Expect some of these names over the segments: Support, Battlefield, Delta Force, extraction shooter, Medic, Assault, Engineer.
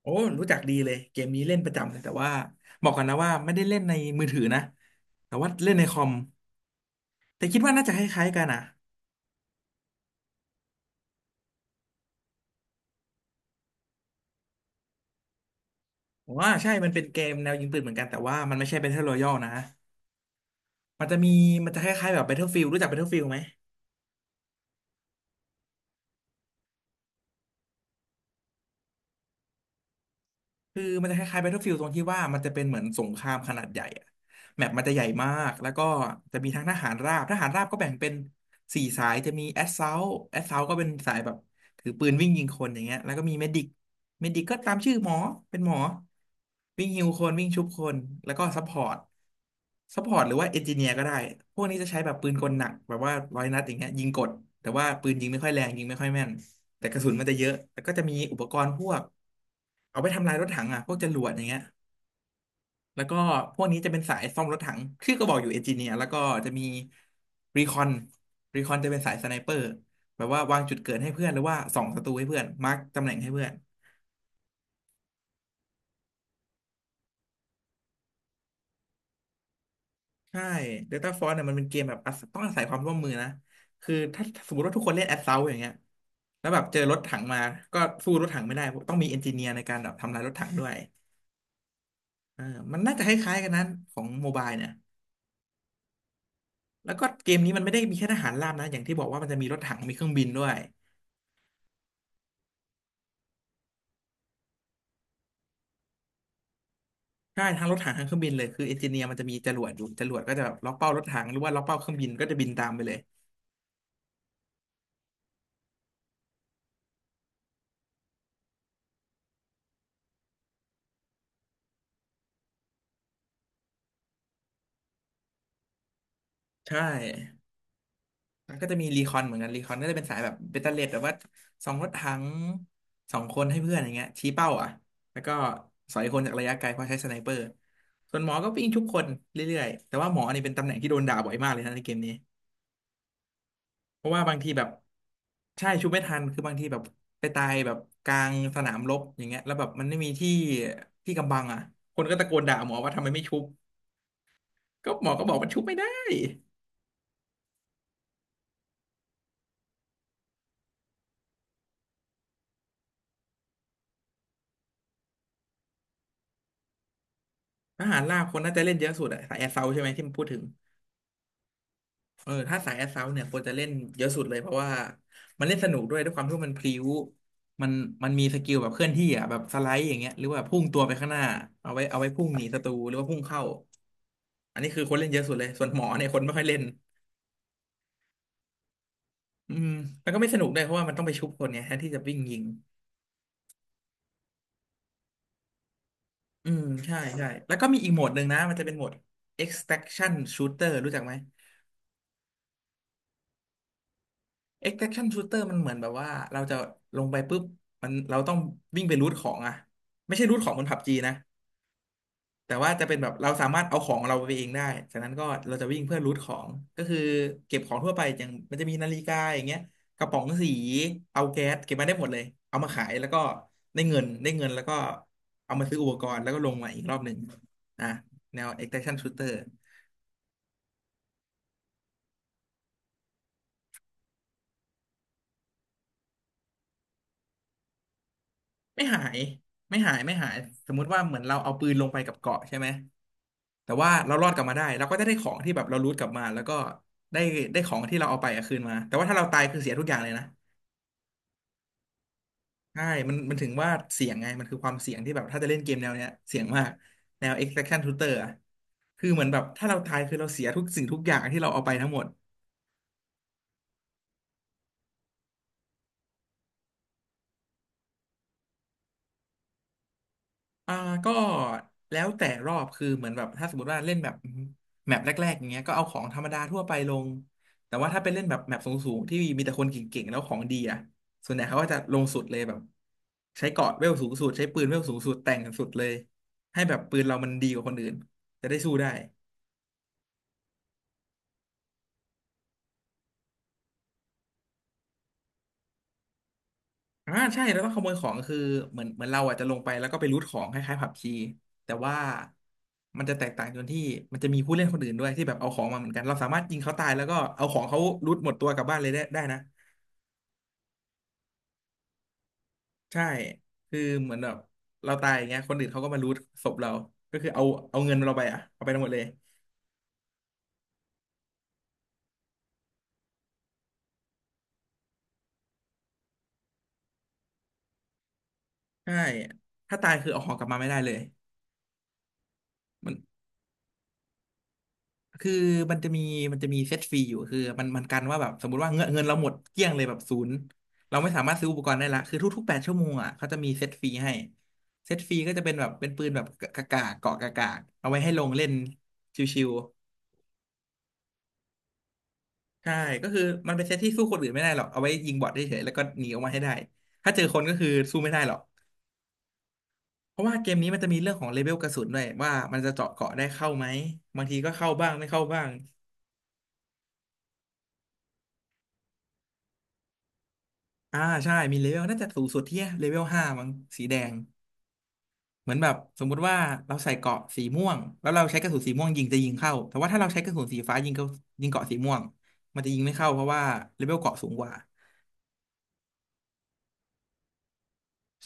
โอ้รู้จักดีเลยเกมนี้เล่นประจำเลยแต่ว่าบอกกันนะว่าไม่ได้เล่นในมือถือนะแต่ว่าเล่นในคอมแต่คิดว่าน่าจะคล้ายๆกันอ่ะว่าใช่มันเป็นเกมแนวยิงปืนเหมือนกันแต่ว่ามันไม่ใช่ Battle Royale นะมันจะมีมันจะคล้ายๆแบบ Battlefield รู้จัก Battlefield ไหม คือมันจะคล้ายๆ Battlefield ตรงที่ว่ามันจะเป็นเหมือนสงครามขนาดใหญ่อะแมปมันจะใหญ่มากแล้วก็จะมีทั้งทหารราบก็แบ่งเป็นสี่สายจะมี Assault ก็เป็นสายแบบถือปืนวิ่งยิงคนอย่างเงี้ยแล้วก็มี Medic ก็ตามชื่อหมอเป็นหมอวิ่งฮิวคนวิ่งชุบคนแล้วก็ Support หรือว่า Engineer ก็ได้พวกนี้จะใช้แบบปืนกลหนักแบบว่าร้อยนัดอย่างเงี้ยยิงกดแต่ว่าปืนยิงไม่ค่อยแรงยิงไม่ค่อยแม่นแต่กระสุนมันจะเยอะแล้วก็จะมีอุปกรณ์พวก เอาไปทำลายรถถังอ่ะพวกจรวดอย่างเงี้ยแล้วก็พวกนี้จะเป็นสายซ่อมรถถังชื่อก็บอกอยู่เอนจิเนียร์แล้วก็จะมีรีคอนรีคอนจะเป็นสายสไนเปอร์แบบว่าวางจุดเกิดให้เพื่อนหรือว่าส่องศัตรูให้เพื่อนมาร์กตำแหน่งให้เพื่อนใช่เดลต้าฟอร์เนี่ยมันเป็นเกมแบบอาศัยต้องอาศัยความร่วมมือนะคือถ้าสมมติว่าทุกคนเล่นแอ s ซ u ลตอย่างเงี้ยแล้วแบบเจอรถถังมาก็สู้รถถังไม่ได้ต้องมีเอนจิเนียร์ในการแบบทำลายรถถังด้วยเออมันน่าจะคล้ายๆกันนั้นของโมบายเนี่ย แล้วก็เกมนี้มันไม่ได้มีแค่ทหารราบนะอย่างที่บอกว่ามันจะมีรถถังมีเครื่องบินด้วยใช่ทั้งรถถังทั้งเครื่องบินเลยคือเอนจิเนียร์มันจะมีจรวดอยู่จรวดก็จะแบบล็อกเป้ารถถังหรือว่าล็อกเป้าเครื่องบินก็จะบินตามไปเลยใช่แล้วก็จะมีรีคอนเหมือนกันรีคอนก็จะเป็นสายแบบเบตเตอเลดแบบว่าสองรถถังสองคนให้เพื่อนอย่างเงี้ยชี้เป้าอ่ะแล้วก็สอยคนจากระยะไกลเพราะใช้สไนเปอร์ส่วนหมอก็วิ่งทุกคนเรื่อยๆแต่ว่าหมอนี่เป็นตำแหน่งที่โดนด่าบ่อยมากเลยนะในเกมนี้ เพราะว่าบางทีแบบใช่ชุบไม่ทันคือบางทีแบบไปตายแบบกลางสนามรบอย่างเงี้ยแล้วแบบมันไม่มีที่กำบังอ่ะคนก็ตะโกนด่าหมอว่าทำไมไม่ชุบก็หมอก็บอกมันชุบไม่ได้ทหารลาบคนน่าจะเล่นเยอะสุดอะสายแอสเซาใช่ไหมที่มันพูดถึงเออถ้าสายแอสเซาเนี่ยควรจะเล่นเยอะสุดเลยเพราะว่ามันเล่นสนุกด้วยด้วยความที่ว่ามันพลิ้วมันมันมีสกิลแบบเคลื่อนที่อ่ะแบบสไลด์อย่างเงี้ยหรือว่าพุ่งตัวไปข้างหน้าเอาไว้พุ่งหนีศัตรูหรือว่าพุ่งเข้าอันนี้คือคนเล่นเยอะสุดเลยส่วนหมอเนี่ยคนไม่ค่อยเล่น อืมแล้วก็ไม่สนุกด้วยเพราะว่ามันต้องไปชุบคนเนยแทนที่จะวิ่งยิงอืมใช่แล้วก็มีอีกโหมดหนึ่งนะมันจะเป็นโหมด extraction shooter รู้จักไหม extraction shooter มันเหมือนแบบว่าเราจะลงไปปุ๊บเราต้องวิ่งไปรูทของอะไม่ใช่รูทของบนผับจีนะ แต่ว่าจะเป็นแบบเราสามารถเอาของเราไปเองได้จากนั้นก็เราจะวิ่งเพื่อรูทของก็คือเก็บของทั่วไปอย่างมันจะมีนาฬิกาอย่างเงี้ยกระป๋องสีเอาแก๊สเก็บมาได้หมดเลยเอามาขายแล้วก็ได้เงินแล้วก็เอามาซื้ออุปกรณ์แล้วก็ลงมาอีกรอบหนึ่งอ่ะแนว extraction shooter ไม่หายไม่หายไม่หายสมมุติว่าเหมือนเราเอาปืนลงไปกับเกาะใช่ไหมแต่ว่าเรารอดกลับมาได้เราก็จะได้ของที่แบบเรารูทกลับมาแล้วก็ได้ได้ของที่เราเอาไปอะคืนมาแต่ว่าถ้าเราตายคือเสียทุกอย่างเลยนะ ใช่มันถึงว่าเสียงไงมันคือความเสี่ยงที่แบบถ้าจะเล่นเกมแนวเนี้ยเสี่ยงมากแนว extraction shooter อะคือเหมือนแบบถ้าเราตายคือเราเสียทุกสิ่งทุกอย่างที่เราเอาไปทั้งหมดอ่าก็แล้วแต่รอบคือเหมือนแบบถ้าสมมติว่าเล่นแบบแมปแรกๆอย่างเงี้ยก็เอาของธรรมดาทั่วไปลงแต่ว่าถ้าเป็นเล่นแบบแมปสูงๆที่มีแต่คนเก่งๆแล้วของดีอ่ะส่วนใหญ่เขาก็จะลงสุดเลยแบบใช้เกราะเวลสูงสุดใช้ปืนเวลสูงสุดแต่งสุดเลยให้แบบปืนเรามันดีกว่าคนอื่นจะได้สู้ได้ อ่าใช่แล้วก็ขโมยของคือเหมือนเราอ่ะจะลงไปแล้วก็ไปรูทของคล้ายๆผับจีแต่ว่ามันจะแตกต่างตรงที่มันจะมีผู้เล่นคนอื่นด้วยที่แบบเอาของมาเหมือนกันเราสามารถยิงเขาตายแล้วก็เอาของเขารูทหมดตัวกลับบ้านเลยได้ได้นะใช่คือเหมือนแบบเราตายอย่างเงี้ยคนอื่นเขาก็มารูทศพเราก็คือเอาเอาเงินเราไปอ่ะเอาไปทั้งหมดเลยใช่ถ้าตายคือเอาของกลับมาไม่ได้เลยมัน คือมันจะมีมันจะมีเซตฟรีอยู่คือมันมันกันว่าแบบสมมติว่าเงินเราหมดเกลี้ยงเลยแบบศูนย์เราไม่สามารถซื้ออุปกรณ์ได้ละคือทุกๆ8 ชั่วโมงอ่ะเขาจะมีเซตฟรีให้เซตฟรีก็จะเป็นแบบเป็นปืนแบบกากาเกาะกากาเอาไว้ให้ลงเล่นชิวๆใช่ก็คือมันเป็นเซตที่สู้คนอื่นไม่ได้หรอกเอาไว้ยิงบอทเฉยๆแล้วก็หนีออกมาให้ได้ถ้าเจอคนก็คือสู้ไม่ได้หรอกเพราะว่าเกมนี้มันจะมีเรื่องของเลเวลกระสุนด้วยว่ามันจะเจาะเกาะได้เข้าไหมบางทีก็เข้าบ้างไม่เข้าบ้าง อ่าใช่มีเลเวลน่าจะสูงสุดที่เลเวล 5มั้งสีแดงเหมือนแบบสมมุติว่าเราใส่เกราะสีม่วงแล้วเราใช้กระสุนสีม่วงยิงจะยิงเข้าแต่ว่าถ้าเราใช้กระสุนสีฟ้ายิงเข้ายิงเกราะสีม่วงมันจะยิงไม่เข้าเพราะว่าเลเวลเกราะสูงกว่า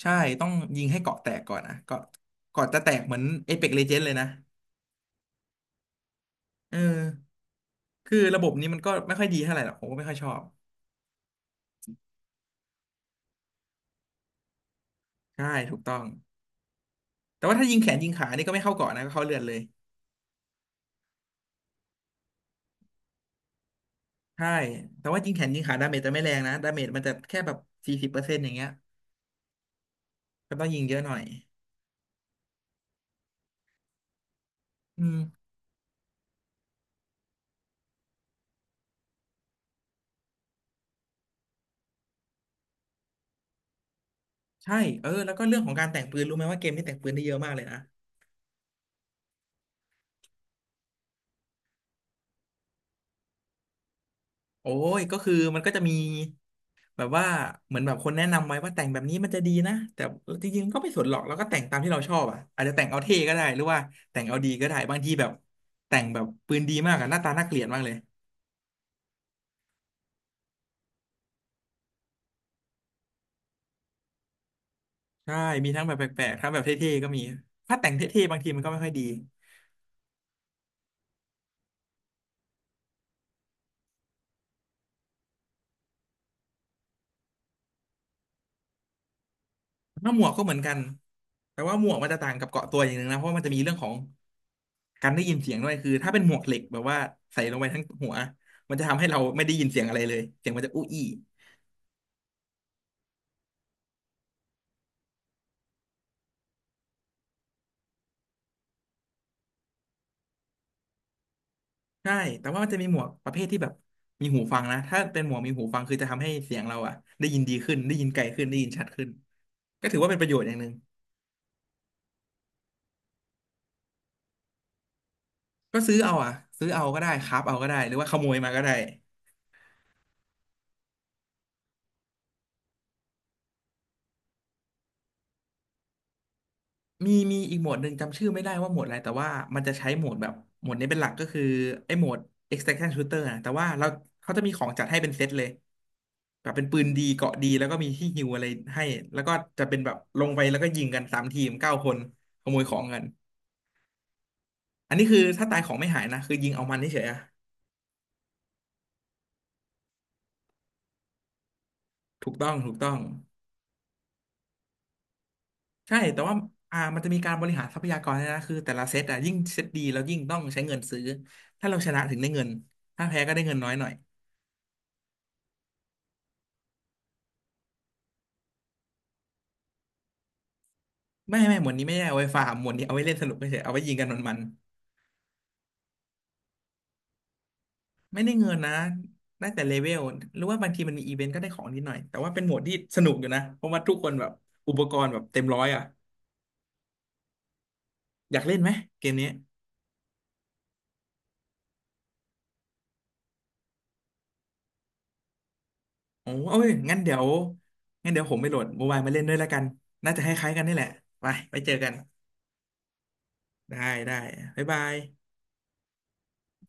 ใช่ต้องยิงให้เกราะแตกก่อนนะเกราะเกราะจะแตกเหมือนเอ e ป l กเลเจนด์ Legends เลยนะเออคือระบบนี้มันก็ไม่ค่อยดีเท่าไหร่หรอกผมก็ไม่ค่อยชอบใช่ถูกต้องแต่ว่าถ้ายิงแขนยิงขานี่ก็ไม่เข้าเกราะนะก็เข้าเลือดเลยใช่แต่ว่ายิงแขนยิงขาดาเมจจะไม่แรงนะดาเมจมันจะแค่แบบ40%อย่างเงี้ย ก็ต้องยิงเยอะหน่อยอืมใช่แล้วก็เรื่องของการแต่งปืนรู้ไหมว่าเกมนี้แต่งปืนได้เยอะมากเลยนะโอ้ยก็คือมันก็จะมีแบบว่าเหมือนแบบคนแนะนำไว้ว่าแต่งแบบนี้มันจะดีนะแต่จริงๆก็ไม่สนหรอกแล้วก็แต่งตามที่เราชอบอ่ะอาจจะแต่งเอาเท่ก็ได้หรือว่าแต่งเอาดีก็ได้บางทีแบบแต่งแบบปืนดีมากอะหน้าตาน่าเกลียดมากเลยใช่มีทั้งแบบแปลกๆทั้งแบบเท่ๆก็มีถ้าแต่งเท่ๆบางทีมันก็ไม่ค่อยดีถ้าหมวกก็เหมือนกันแต่ว่าหมวกมันจะต่างกับเกาะตัวอย่างหนึ่งนะเพราะว่ามันจะมีเรื่องของ การได้ยินเสียงด้วยคือถ้าเป็นหมวกเหล็กแบบว่าใส่ลงไปทั้งหัวมันจะทำให้เราไม่ได้ยินเสียงอะไรเลยเสียงมันจะอู้อี้ใช่แต่ว่ามันจะมีหมวกประเภทที่แบบมีหูฟังนะถ้าเป็นหมวกมีหูฟังคือจะทำให้เสียงเราอะได้ยินดีขึ้นได้ยินไกลขึ้นได้ยินชัดขึ้นก็ถือว่าเป็นประโยชน์อย่างหนึ่งก็ซื้อเอาอะซื้อเอาก็ได้ครับเอาก็ได้หรือว่าขโมยมาก็ได้ มีอีกโหมดหนึ่งจำชื่อไม่ได้ว่าโหมดอะไรแต่ว่ามันจะใช้โหมดแบบโหมดนี้เป็นหลักก็คือไอ้โหมด extraction shooter นะแต่ว่าเราเขาจะมีของจัดให้เป็นเซตเลยแบบเป็นปืนดีเกราะดีแล้วก็มีที่ฮิวอะไรให้แล้วก็จะเป็นแบบลงไปแล้วก็ยิงกัน3 ทีม 9 คนขโมยของกันอันนี้คือถ้าตายของไม่หายนะคือยิงเอามันเฉยๆอะถูกต้องถูกต้องใช่แต่ว่ามันจะมีการบริหารทรัพยากรด้วยนะคือแต่ละเซตอะยิ่งเซตดีแล้วยิ่งต้องใช้เงินซื้อถ้าเราชนะถึงได้เงินถ้าแพ้ก็ได้เงินน้อยหน่อย ไม่ไม่หมวดนี้ไม่ได้เอาไว้ฟาร์มหมวดนี้เอาไว้เล่นสนุกเฉยๆเอาไว้ยิงกันมันๆไม่ได้เงินนะได้แต่เลเวลหรือว่าบางทีมันมีอีเวนต์ก็ได้ของนิดหน่อยแต่ว่าเป็นหมวดที่สนุกอยู่นะเพราะว่าทุกคนแบบอุปกรณ์แบบเต็มร้อยอ่ะอยากเล่นไหมเกมนี้โอ้โอ้ยงั้นเดี๋ยวผมไปโหลดโมบายมาเล่นด้วยแล้วกันน่าจะคล้ายๆกันนี่แหละไปไปเจอกันได้ได้บ๊ายบาย